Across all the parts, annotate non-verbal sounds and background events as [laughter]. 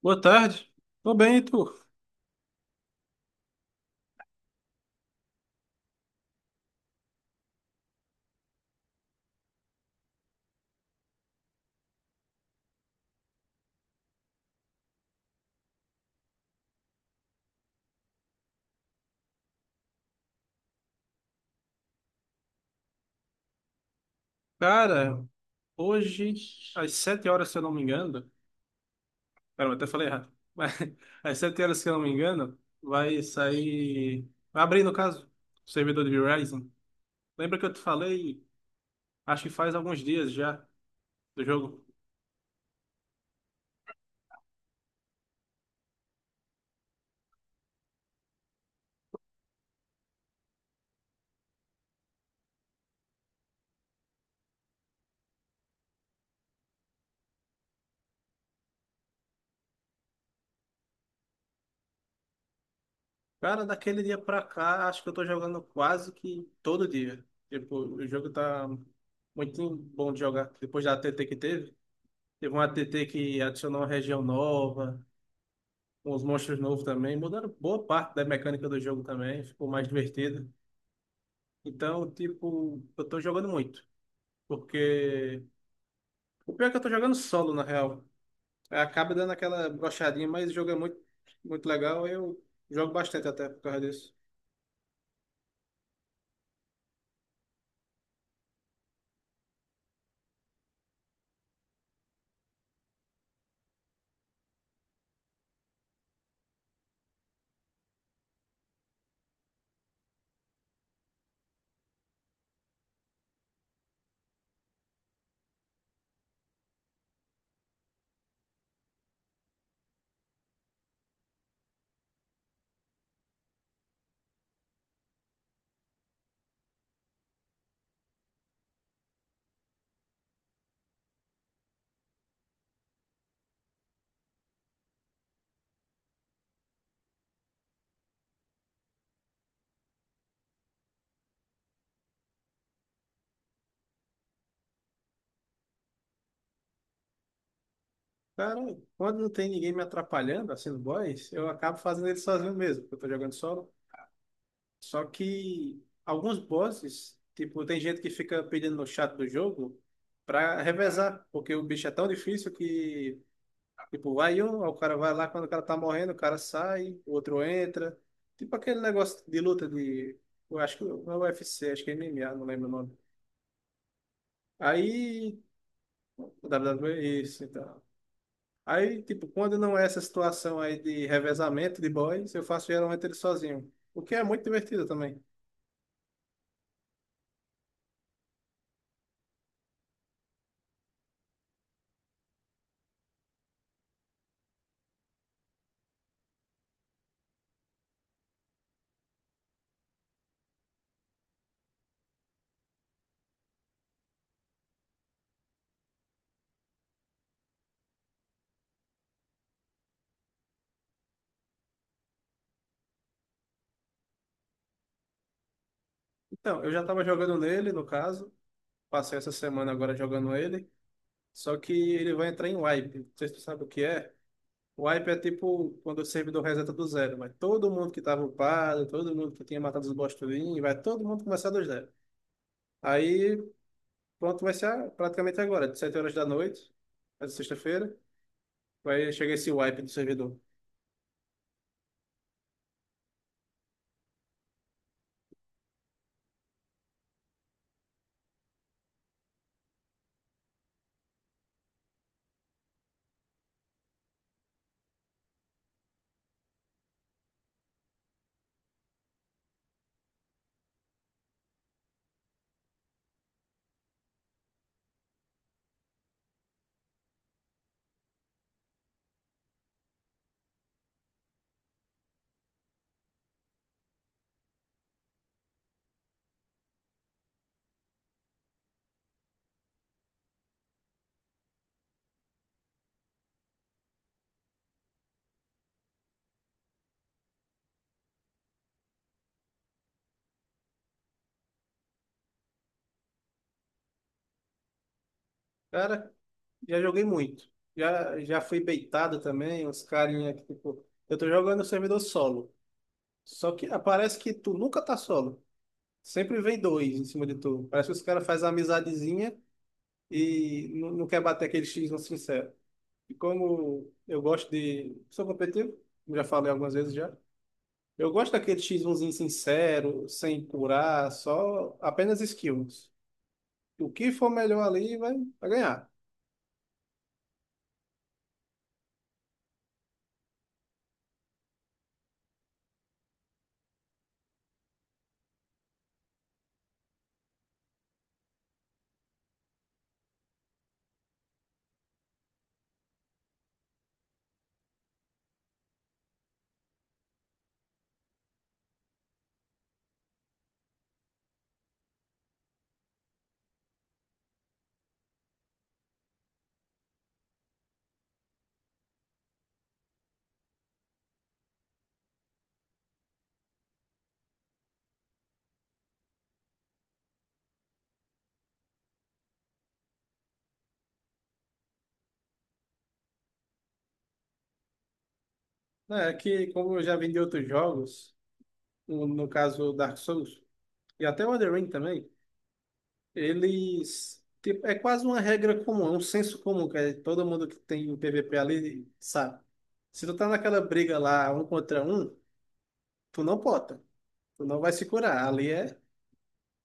Boa tarde. Tô bem, e tu? Cara, hoje, às sete horas, se eu não me engano, pera, eu até falei errado, mas [laughs] às sete horas, se eu não me engano, vai sair, vai abrir, no caso, o servidor de Verizon. Lembra que eu te falei, acho que faz alguns dias já, do jogo? Cara, daquele dia pra cá, acho que eu tô jogando quase que todo dia. Tipo, o jogo tá muito bom de jogar. Depois da ATT que teve, teve uma ATT que adicionou uma região nova, uns monstros novos também, mudaram boa parte da mecânica do jogo também, ficou mais divertido. Então, tipo, eu tô jogando muito, porque o pior é que eu tô jogando solo, na real. Acaba dando aquela brochadinha, mas o jogo é muito, muito legal, eu jogo bastante até por causa disso. Cara, quando não tem ninguém me atrapalhando, assim, no boss, eu acabo fazendo ele sozinho mesmo, porque eu tô jogando solo. Só que alguns bosses, tipo, tem gente que fica pedindo no chat do jogo pra revezar, porque o bicho é tão difícil que... Tipo, aí o cara vai lá, quando o cara tá morrendo, o cara sai, o outro entra. Tipo aquele negócio de luta de... Eu acho que não é UFC, acho que é MMA, não lembro o nome. Aí... WWE, isso, então. Aí, tipo, quando não é essa situação aí de revezamento de boys, eu faço geralmente ele sozinho. O que é muito divertido também. Então, eu já tava jogando nele, no caso. Passei essa semana agora jogando ele. Só que ele vai entrar em wipe. Não sei se tu sabe o que é. O wipe é tipo quando o servidor reseta do zero, mas todo mundo que estava upado, todo mundo que tinha matado os boss tudinho, vai todo mundo começar do zero. Aí, pronto, vai ser a- praticamente agora, de 7 horas da noite, essa sexta-feira, vai chegar esse wipe do servidor. Cara, já joguei muito. Já fui beitado também, uns carinha que, tipo, eu tô jogando o servidor solo. Só que ah, parece que tu nunca tá solo. Sempre vem dois em cima de tu. Parece que os caras fazem uma amizadezinha e não quer bater aquele X no sincero. E como eu gosto de... Sou competitivo, como já falei algumas vezes já. Eu gosto daquele x 1 sincero, sem curar, só apenas skills. O que for melhor ali vai, vai ganhar. Né, é que, como eu já vi outros jogos, no caso Dark Souls, e até o Elden Ring também, eles... Tipo, é quase uma regra comum, é um senso comum, que é todo mundo que tem PVP ali sabe. Se tu tá naquela briga lá, um contra um, tu não pota. Tu não vai se curar. Ali é...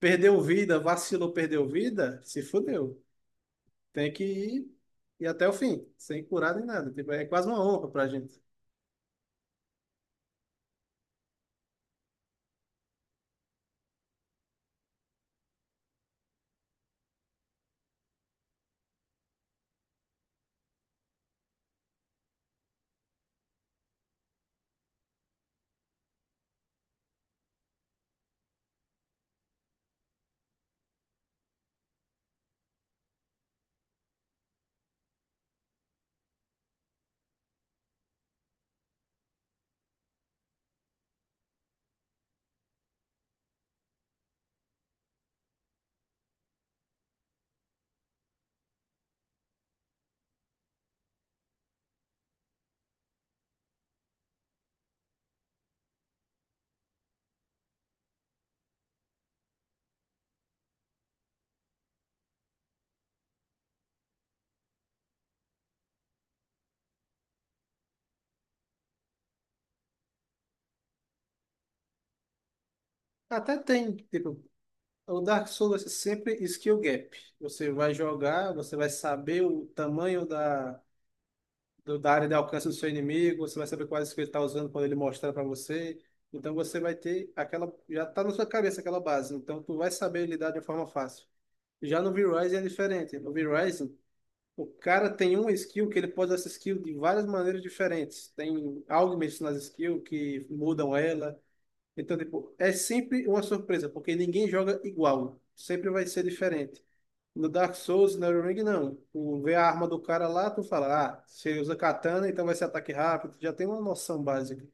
Perdeu vida, vacilou, perdeu vida, se fudeu. Tem que ir, ir até o fim, sem curar nem nada. Tipo, é quase uma honra pra gente. Até tem, tipo, o Dark Souls é sempre skill gap. Você vai jogar, você vai saber o tamanho da, da área de alcance do seu inimigo, você vai saber quais skills ele está usando quando ele mostrar para você. Então você vai ter aquela, já tá na sua cabeça aquela base, então tu vai saber lidar de forma fácil. Já no V-Rising é diferente. No V-Rising, o cara tem uma skill que ele pode usar essa skill de várias maneiras diferentes. Tem algo mexendo nas skills que mudam ela. Então, tipo, é sempre uma surpresa, porque ninguém joga igual. Sempre vai ser diferente. No Dark Souls, no Elden Ring, não. Tu vê a arma do cara lá, tu fala, ah, se ele usa katana, então vai ser ataque rápido. Tu já tem uma noção básica.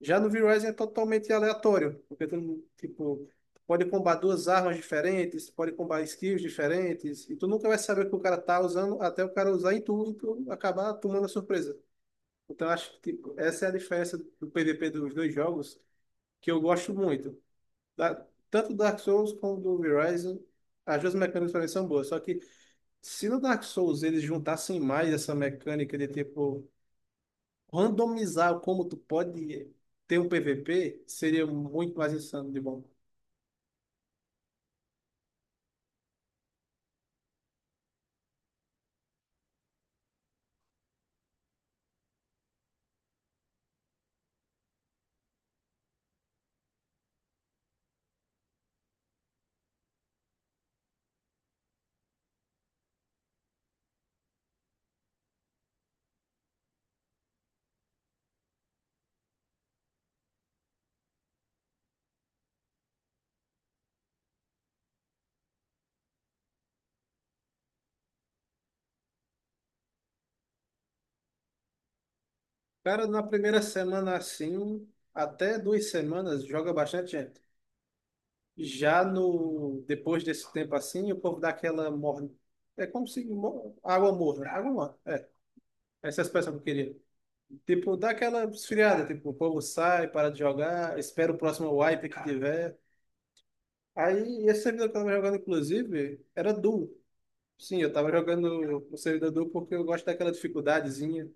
Já no V-Rising é totalmente aleatório, porque tu, tipo, pode combar duas armas diferentes, pode combar skills diferentes, e tu nunca vai saber o que o cara tá usando até o cara usar em tu e tu acabar tomando a surpresa. Então acho que tipo, essa é a diferença do PVP dos dois jogos que eu gosto muito. Da, tanto do Dark Souls como do V-Rising, as duas mecânicas também são boas, só que se no Dark Souls eles juntassem mais essa mecânica de tipo randomizar como tu pode ter um PVP seria muito mais insano de bom. Cara, na primeira semana assim, um, até duas semanas, joga bastante gente. Já no depois desse tempo assim, o povo dá aquela morna. É como se mo- água morna, água morna. É, essa é a expressão que eu queria. Tipo, dá aquela esfriada, tipo, o povo sai, para de jogar, espera o próximo wipe que tiver. Aí, esse servidor que eu tava jogando, inclusive, era duo. Sim, eu tava jogando o servidor porque eu gosto daquela dificuldadezinha,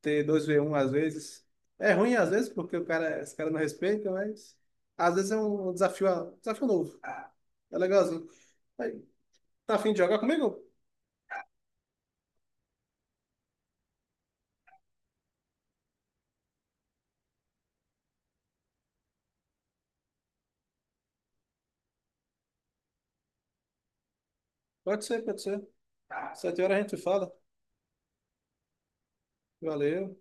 ter dois v um às vezes. É ruim às vezes porque o cara, os caras não respeitam, mas às vezes é um desafio novo. É legalzinho. Aí, tá afim de jogar comigo? Pode ser, pode ser. Sete horas a gente fala. Valeu.